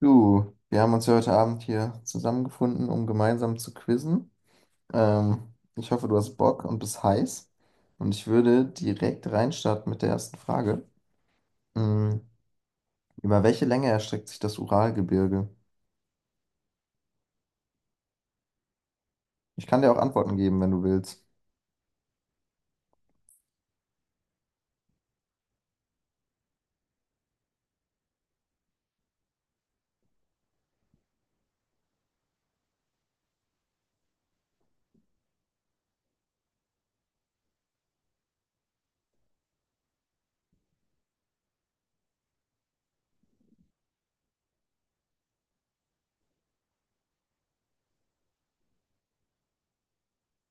Du, wir haben uns ja heute Abend hier zusammengefunden, um gemeinsam zu quizzen. Ich hoffe, du hast Bock und bist heiß. Und ich würde direkt reinstarten mit der ersten Frage. Mm, Über welche Länge erstreckt sich das Uralgebirge? Ich kann dir auch Antworten geben, wenn du willst.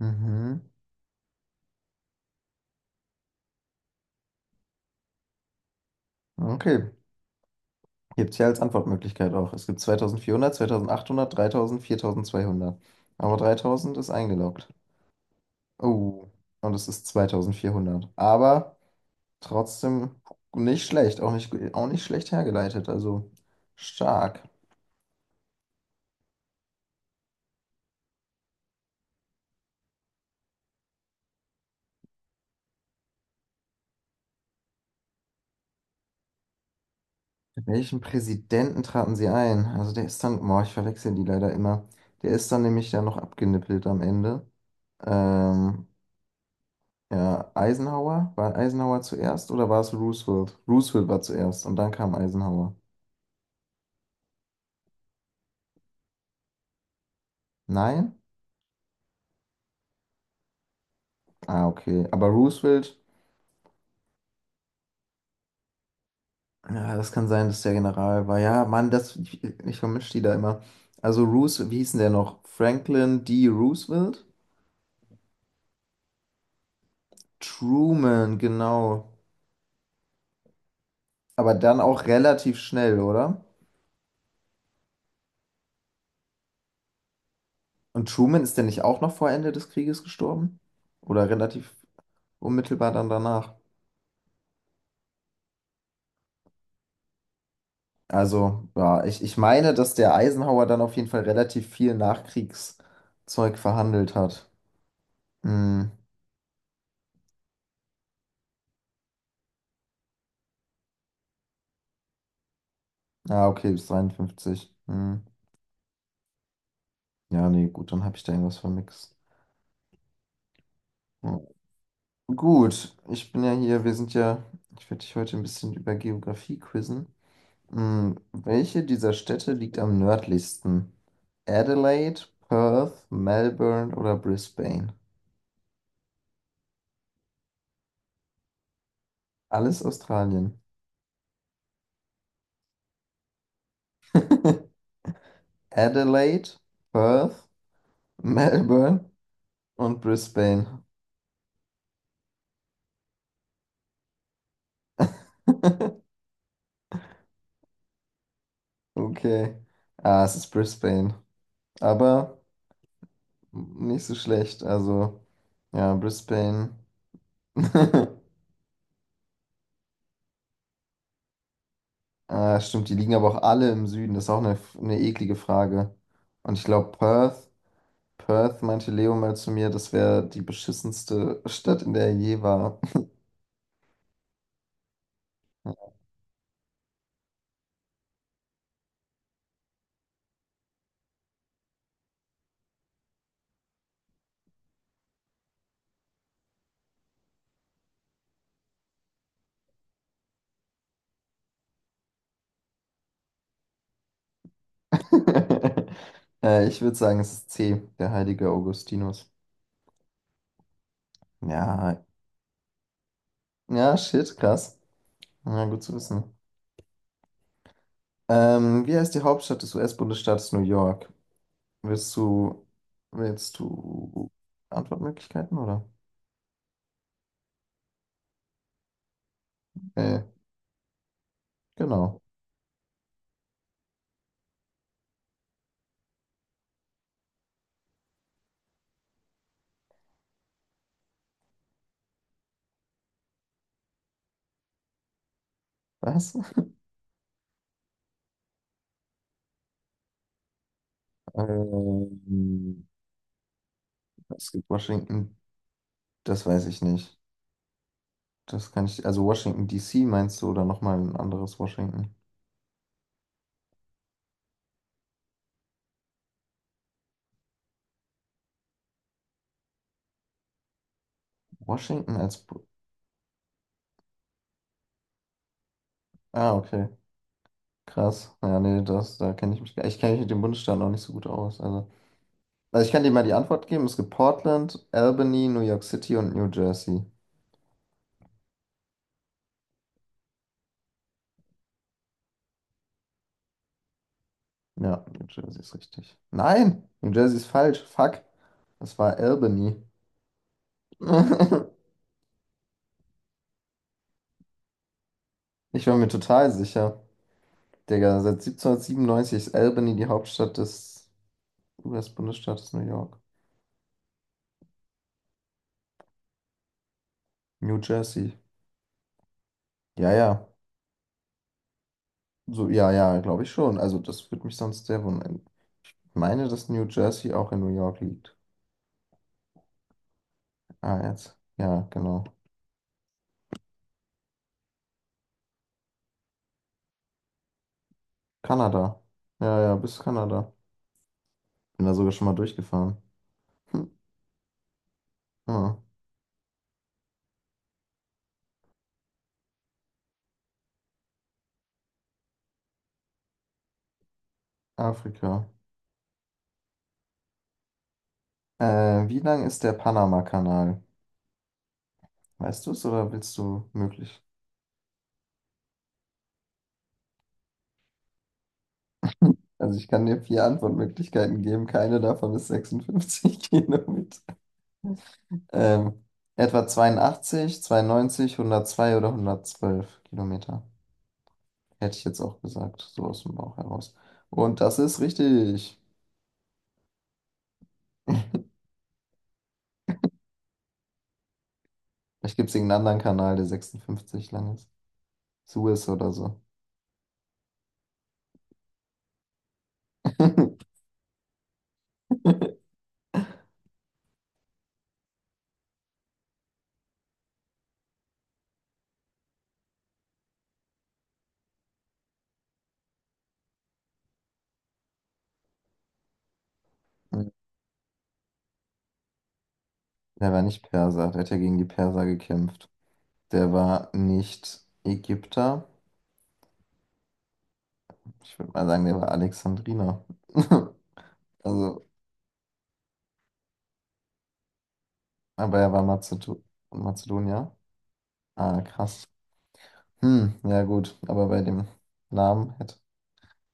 Mhm. Okay. Gibt es hier als Antwortmöglichkeit auch. Es gibt 2400, 2800, 3000, 4200. Aber 3000 ist eingeloggt. Oh, und es ist 2400. Aber. Trotzdem nicht schlecht, auch nicht schlecht hergeleitet, also stark. Welchen Präsidenten traten sie ein? Also der ist dann, boah, ich verwechsel die leider immer. Der ist dann nämlich dann noch abgenippelt am Ende. Ähm, ja, Eisenhower? War Eisenhower zuerst oder war es Roosevelt? Roosevelt war zuerst und dann kam Eisenhower. Nein? Ah, okay. Aber Roosevelt, ja, das kann sein, dass der General war. Ja, Mann, das, ich vermische die da immer. Also Roosevelt, wie hieß denn der noch? Franklin D. Roosevelt? Truman, genau. Aber dann auch relativ schnell, oder? Und Truman ist denn nicht auch noch vor Ende des Krieges gestorben? Oder relativ unmittelbar dann danach? Also, ja, ich meine, dass der Eisenhower dann auf jeden Fall relativ viel Nachkriegszeug verhandelt hat. Hm. Ah, okay, bis 53. Hm. Ja, nee, gut, dann habe ich da irgendwas vermixt. Ja. Gut, ich bin ja hier, ich werde dich heute ein bisschen über Geografie quizzen. Hm, welche dieser Städte liegt am nördlichsten? Adelaide, Perth, Melbourne oder Brisbane? Alles Australien. Adelaide, Perth, Melbourne und Brisbane. Okay. Ah, es ist Brisbane. Aber nicht so schlecht. Also, ja, Brisbane. Ah, stimmt, die liegen aber auch alle im Süden. Das ist auch eine eklige Frage. Und ich glaube, Perth. Perth meinte Leo mal zu mir, das wäre die beschissenste Stadt, in der er je war. Ich würde sagen, es ist C, der heilige Augustinus. Ja, ja, shit, krass. Ja, gut zu wissen. Wie heißt die Hauptstadt des US-Bundesstaates New York? Willst du, willst du Antwortmöglichkeiten, oder? Äh, genau. Was? Ähm, es gibt Washington, das weiß ich nicht. Das kann ich, also Washington DC meinst du oder nochmal ein anderes Washington? Washington als, Bu- ah, okay, krass. Ja, nee, das, da kenne ich mich, ich kenne mich mit dem Bundesstaat noch nicht so gut aus. Also, ich kann dir mal die Antwort geben. Es gibt Portland, Albany, New York City und New Jersey. Ja, New Jersey ist richtig. Nein, New Jersey ist falsch. Fuck. Das war Albany. Ich war mir total sicher. Digga, seit 1797 ist Albany die Hauptstadt des US-Bundesstaates New York. New Jersey. Ja, ja. So, ja, ja, glaube ich schon. Also das würde mich sonst sehr wundern. Ich meine, dass New Jersey auch in New York liegt. Ah, jetzt. Ja, genau. Kanada. Ja, ja, bis Kanada. Bin da sogar schon mal durchgefahren. Hm. Ah, Afrika. Wie lang ist der Panama-Kanal? Weißt du es oder willst du möglich? Also ich kann dir vier Antwortmöglichkeiten geben. Keine davon ist 56 Kilometer. Ähm, etwa 82, 92, 102 oder 112 Kilometer. Hätte ich jetzt auch gesagt, so aus dem Bauch heraus. Und das ist richtig. Vielleicht gibt es irgendeinen anderen Kanal, der 56 lang ist. Suez oder so. Der war nicht Perser, der hat ja gegen die Perser gekämpft. Der war nicht Ägypter. Ich würde mal sagen, der war Alexandriner. Also, aber er war Mazedonier. Ah, krass. Hm, ja gut, aber bei dem Namen hätte,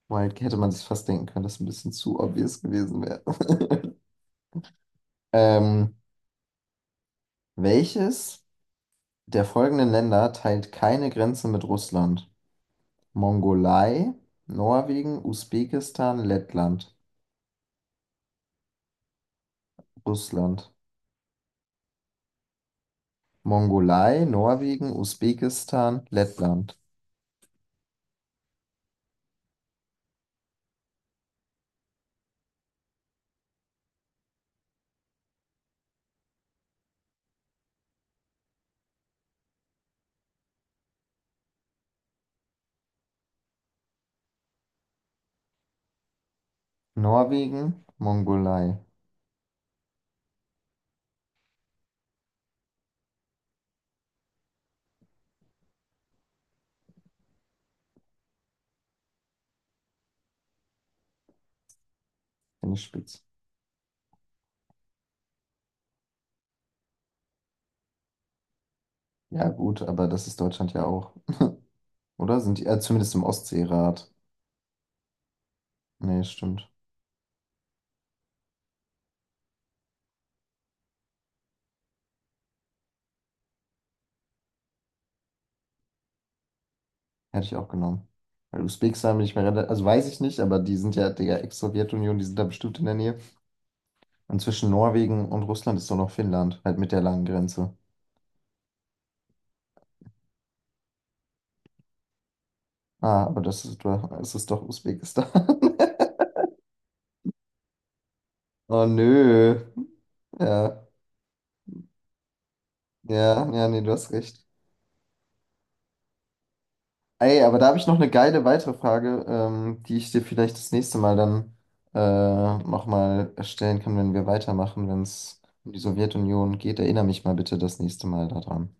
Wild hätte man sich fast denken können, dass es ein bisschen zu obvious gewesen wäre. Ähm, welches? Der folgenden Länder teilt keine Grenze mit Russland. Mongolei, Norwegen, Usbekistan, Lettland. Russland. Mongolei, Norwegen, Usbekistan, Lettland. Norwegen, Mongolei. Finde ich spitz. Ja, gut, aber das ist Deutschland ja auch. Oder? Sind die, zumindest im Ostseerat. Nee, stimmt. Hätte ich auch genommen. Weil Usbekistan bin ich mir relativ, also weiß ich nicht, aber die sind ja, Digga, Ex-Sowjetunion, die sind da bestimmt in der Nähe. Und zwischen Norwegen und Russland ist doch noch Finnland, halt mit der langen Grenze. Ah, aber es ist doch Usbekistan. Oh nö. Ja, ja, ja, nee, du hast recht. Ey, aber da habe ich noch eine geile weitere Frage, die ich dir vielleicht das nächste Mal dann nochmal stellen kann, wenn wir weitermachen, wenn es um die Sowjetunion geht. Erinnere mich mal bitte das nächste Mal daran.